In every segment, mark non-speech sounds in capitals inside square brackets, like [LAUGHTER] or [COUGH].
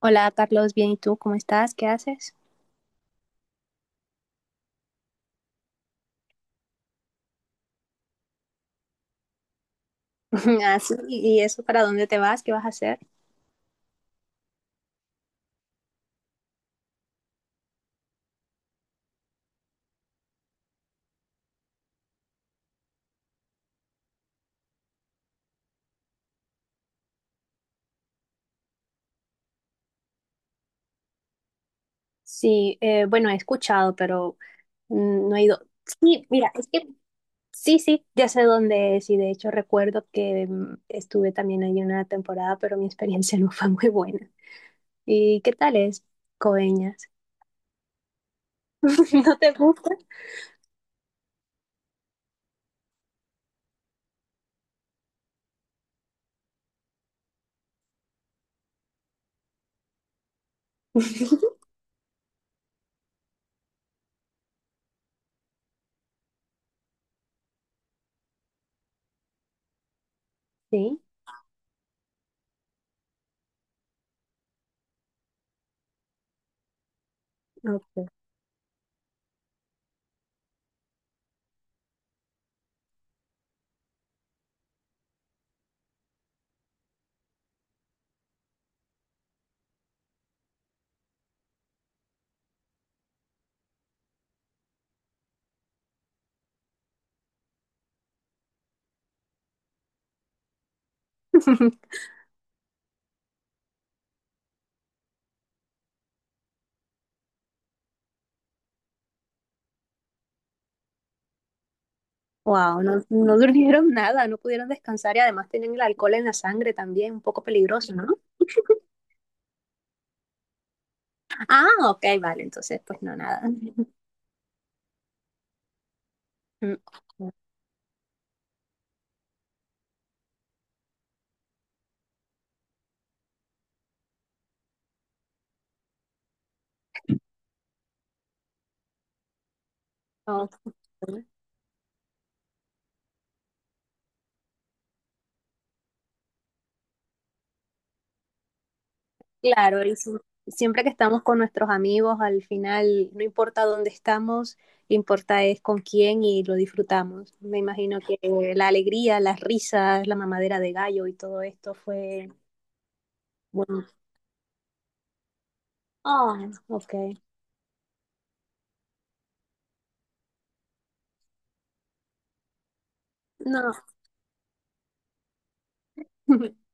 Hola Carlos, bien, ¿y tú cómo estás? ¿Qué haces? [LAUGHS] Ah, sí, ¿Y eso para dónde te vas? ¿Qué vas a hacer? Sí, bueno, he escuchado, pero no he ido. Sí, mira, es que sí, sí, ya sé dónde es y de hecho recuerdo que estuve también ahí una temporada, pero mi experiencia [LAUGHS] no fue muy buena. ¿Y qué tal es Coeñas? [LAUGHS] ¿No te gusta? Sí, ok. [LAUGHS] Wow, no, no durmieron nada, no pudieron descansar y además tenían el alcohol en la sangre también, un poco peligroso, ¿no? Ah, ok, vale, entonces pues no, nada. [LAUGHS] Mm. Ok. Claro, siempre que estamos con nuestros amigos, al final, no importa dónde estamos, lo importa es con quién y lo disfrutamos. Me imagino que la alegría, las risas, la mamadera de gallo y todo esto fue bueno. Ah, ok. No. [LAUGHS]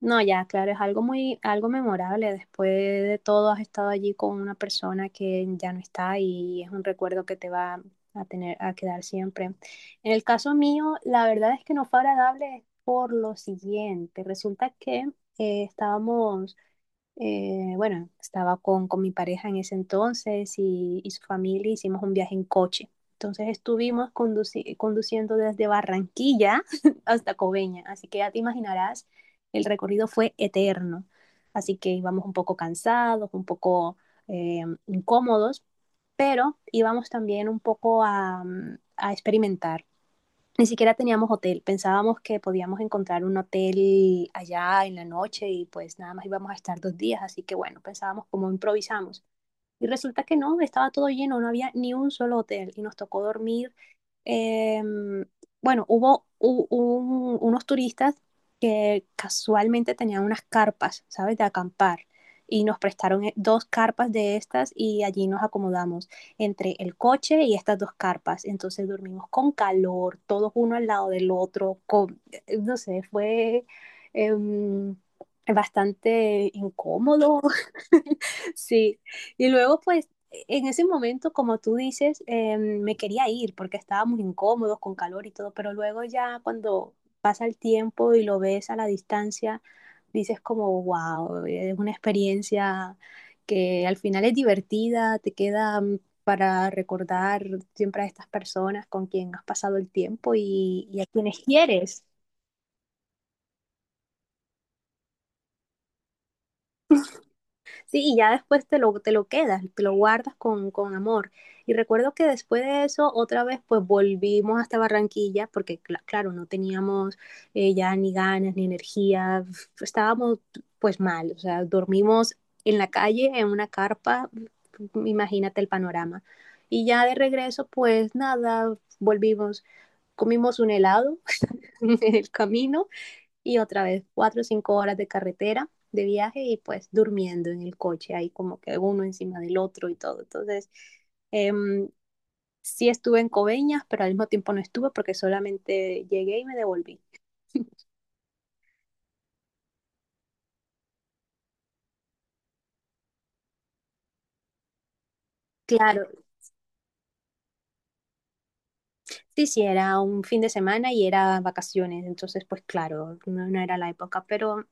No, ya, claro, es algo muy, algo memorable. Después de todo, has estado allí con una persona que ya no está y es un recuerdo que te va a tener, a quedar siempre. En el caso mío, la verdad es que no fue agradable por lo siguiente. Resulta que estábamos bueno, estaba con mi pareja en ese entonces y su familia, hicimos un viaje en coche. Entonces estuvimos conduciendo desde Barranquilla [LAUGHS] hasta Coveña, así que ya te imaginarás, el recorrido fue eterno. Así que íbamos un poco cansados, un poco incómodos, pero íbamos también un poco a, a experimentar. Ni siquiera teníamos hotel, pensábamos que podíamos encontrar un hotel allá en la noche y pues nada más íbamos a estar dos días, así que bueno, pensábamos cómo improvisamos. Y resulta que no, estaba todo lleno, no había ni un solo hotel y nos tocó dormir eh, bueno, hubo unos turistas que casualmente tenían unas carpas, ¿sabes? De acampar. Y nos prestaron dos carpas de estas y allí nos acomodamos entre el coche y estas dos carpas. Entonces dormimos con calor, todos uno al lado del otro, con, no sé, fue em, bastante incómodo. [LAUGHS] Sí. Y luego pues en ese momento, como tú dices, me quería ir porque estábamos incómodos con calor y todo, pero luego ya cuando pasa el tiempo y lo ves a la distancia, dices como, wow, es una experiencia que al final es divertida, te queda para recordar siempre a estas personas con quien has pasado el tiempo y a quienes quieres. Sí, y ya después te lo quedas, te lo guardas con amor. Y recuerdo que después de eso, otra vez, pues volvimos hasta Barranquilla, porque claro, no teníamos ya ni ganas ni energía, estábamos pues mal, o sea, dormimos en la calle, en una carpa, imagínate el panorama. Y ya de regreso, pues nada, volvimos, comimos un helado [LAUGHS] en el camino y otra vez 4 o 5 horas de carretera, de viaje y pues durmiendo en el coche, ahí como que uno encima del otro y todo. Entonces, eh, sí estuve en Coveñas, pero al mismo tiempo no estuve porque solamente llegué y me devolví. Claro, sí, sí, era un fin de semana y era vacaciones, entonces pues claro, no, no era la época, pero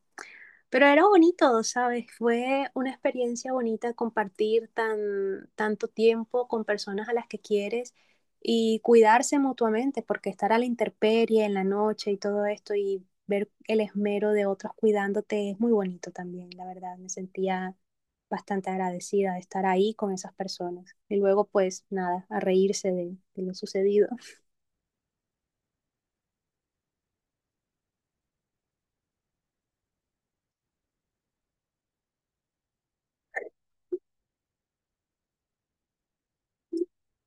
Pero era bonito, ¿sabes? Fue una experiencia bonita compartir tan, tanto tiempo con personas a las que quieres y cuidarse mutuamente, porque estar a la intemperie en la noche y todo esto y ver el esmero de otros cuidándote es muy bonito también, la verdad. Me sentía bastante agradecida de estar ahí con esas personas. Y luego, pues nada, a reírse de lo sucedido.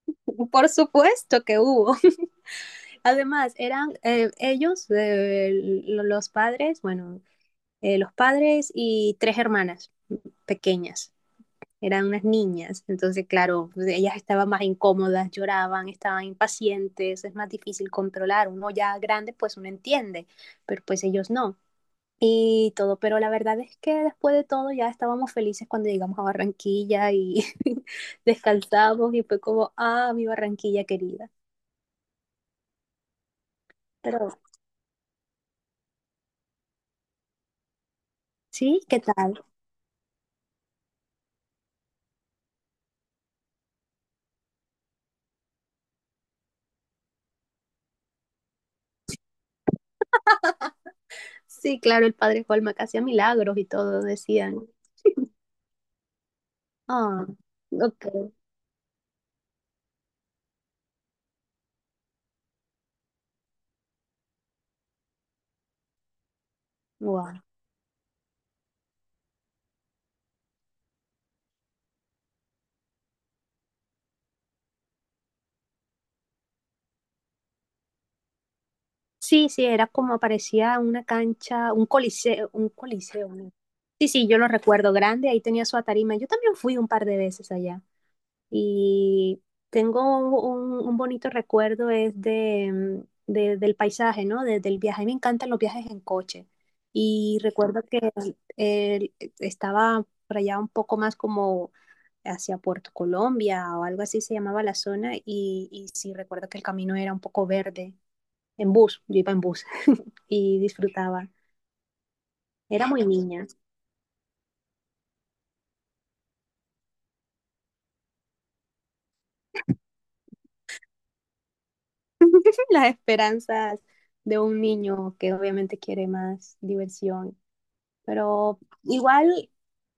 [LAUGHS] Por supuesto que hubo. [LAUGHS] Además, eran ellos, los padres, bueno, los padres y 3 hermanas pequeñas. Eran unas niñas, entonces claro, pues, ellas estaban más incómodas, lloraban, estaban impacientes, es más difícil controlar. Uno ya grande pues uno entiende, pero pues ellos no y todo, pero la verdad es que después de todo ya estábamos felices cuando llegamos a Barranquilla y [LAUGHS] descansamos y fue como, ah, mi Barranquilla querida. Pero sí, ¿qué tal? Sí, claro, el padre Colma que hacía milagros y todo, decían, ah, ok, wow. Sí, sí, era como parecía una cancha, un coliseo, un coliseo. ¿No? Sí, sí, yo lo recuerdo grande, ahí tenía su tarima. Yo también fui un par de veces allá y tengo un bonito recuerdo es de, del paisaje, ¿no? Del viaje. A mí me encantan los viajes en coche y recuerdo que eh, estaba por allá un poco más como hacia Puerto Colombia o algo así se llamaba la zona y sí recuerdo que el camino era un poco verde en bus, yo iba en bus [LAUGHS] y disfrutaba. Era muy niña. [LAUGHS] Las esperanzas de un niño que obviamente quiere más diversión, pero igual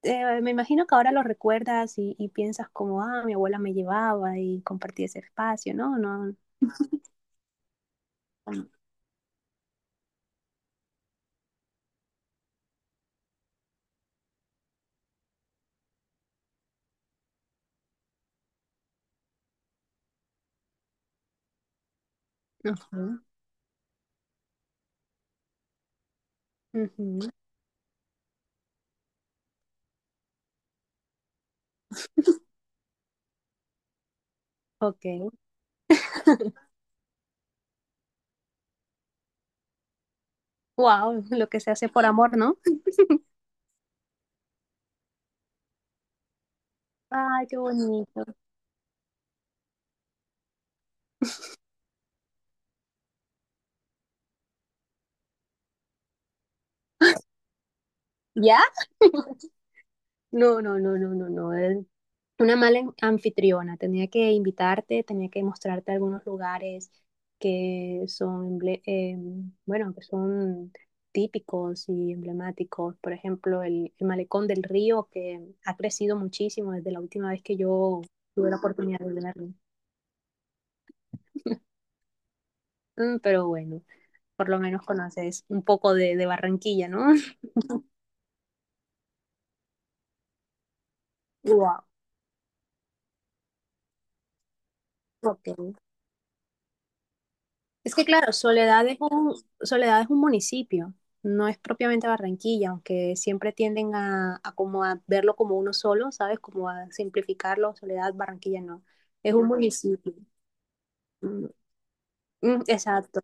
me imagino que ahora lo recuerdas y piensas como, ah, mi abuela me llevaba y compartí ese espacio, ¿no? No. Ujú, ujú. Ok. [LAUGHS] Wow, lo que se hace por amor, ¿no? Ay, qué bonito. ¿Ya? [LAUGHS] No, no, no, no, no, no. Una mala anfitriona. Tenía que invitarte, tenía que mostrarte algunos lugares que son, bueno, que son típicos y emblemáticos. Por ejemplo, el Malecón del Río, que ha crecido muchísimo desde la última vez que yo tuve la oportunidad de verlo. Mm, pero bueno, por lo menos conoces un poco de Barranquilla, ¿no? [LAUGHS] Wow. Ok. Es que claro, Soledad es un municipio, no es propiamente Barranquilla, aunque siempre tienden a como a verlo como uno solo, ¿sabes? Como a simplificarlo, Soledad, Barranquilla no. Es un municipio. Mm, mm, exacto.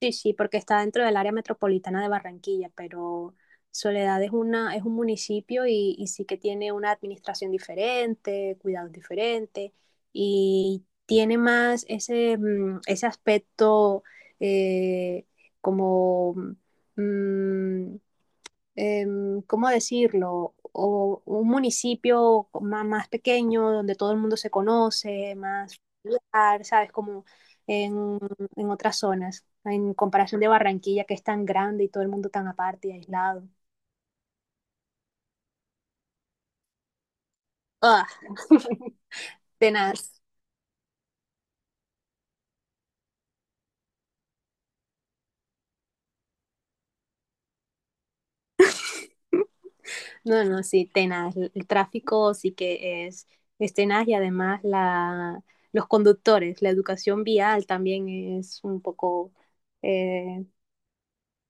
Sí, sí, porque está dentro del área metropolitana de Barranquilla, pero Soledad es una, es un municipio y sí que tiene una administración diferente, cuidados diferentes, y tiene más ese, ese aspecto eh, como mm, ¿cómo decirlo? O un municipio más, pequeño donde todo el mundo se conoce, más familiar, ¿sabes? Como en, en otras zonas, en comparación de Barranquilla, que es tan grande y todo el mundo tan aparte y aislado. ¡Ah! [LAUGHS] Tenaz. No, no, sí, tenaz. El tráfico sí que es tenaz y además la, los conductores, la educación vial también es un poco... eh,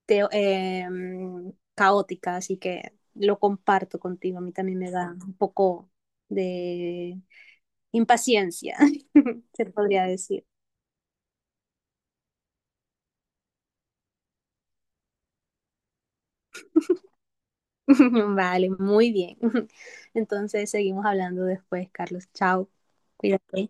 caótica, así que lo comparto contigo. A mí también me da un poco de impaciencia, [LAUGHS] se podría decir. [LAUGHS] Vale, muy bien. [LAUGHS] Entonces seguimos hablando después, Carlos. Chao. Cuídate.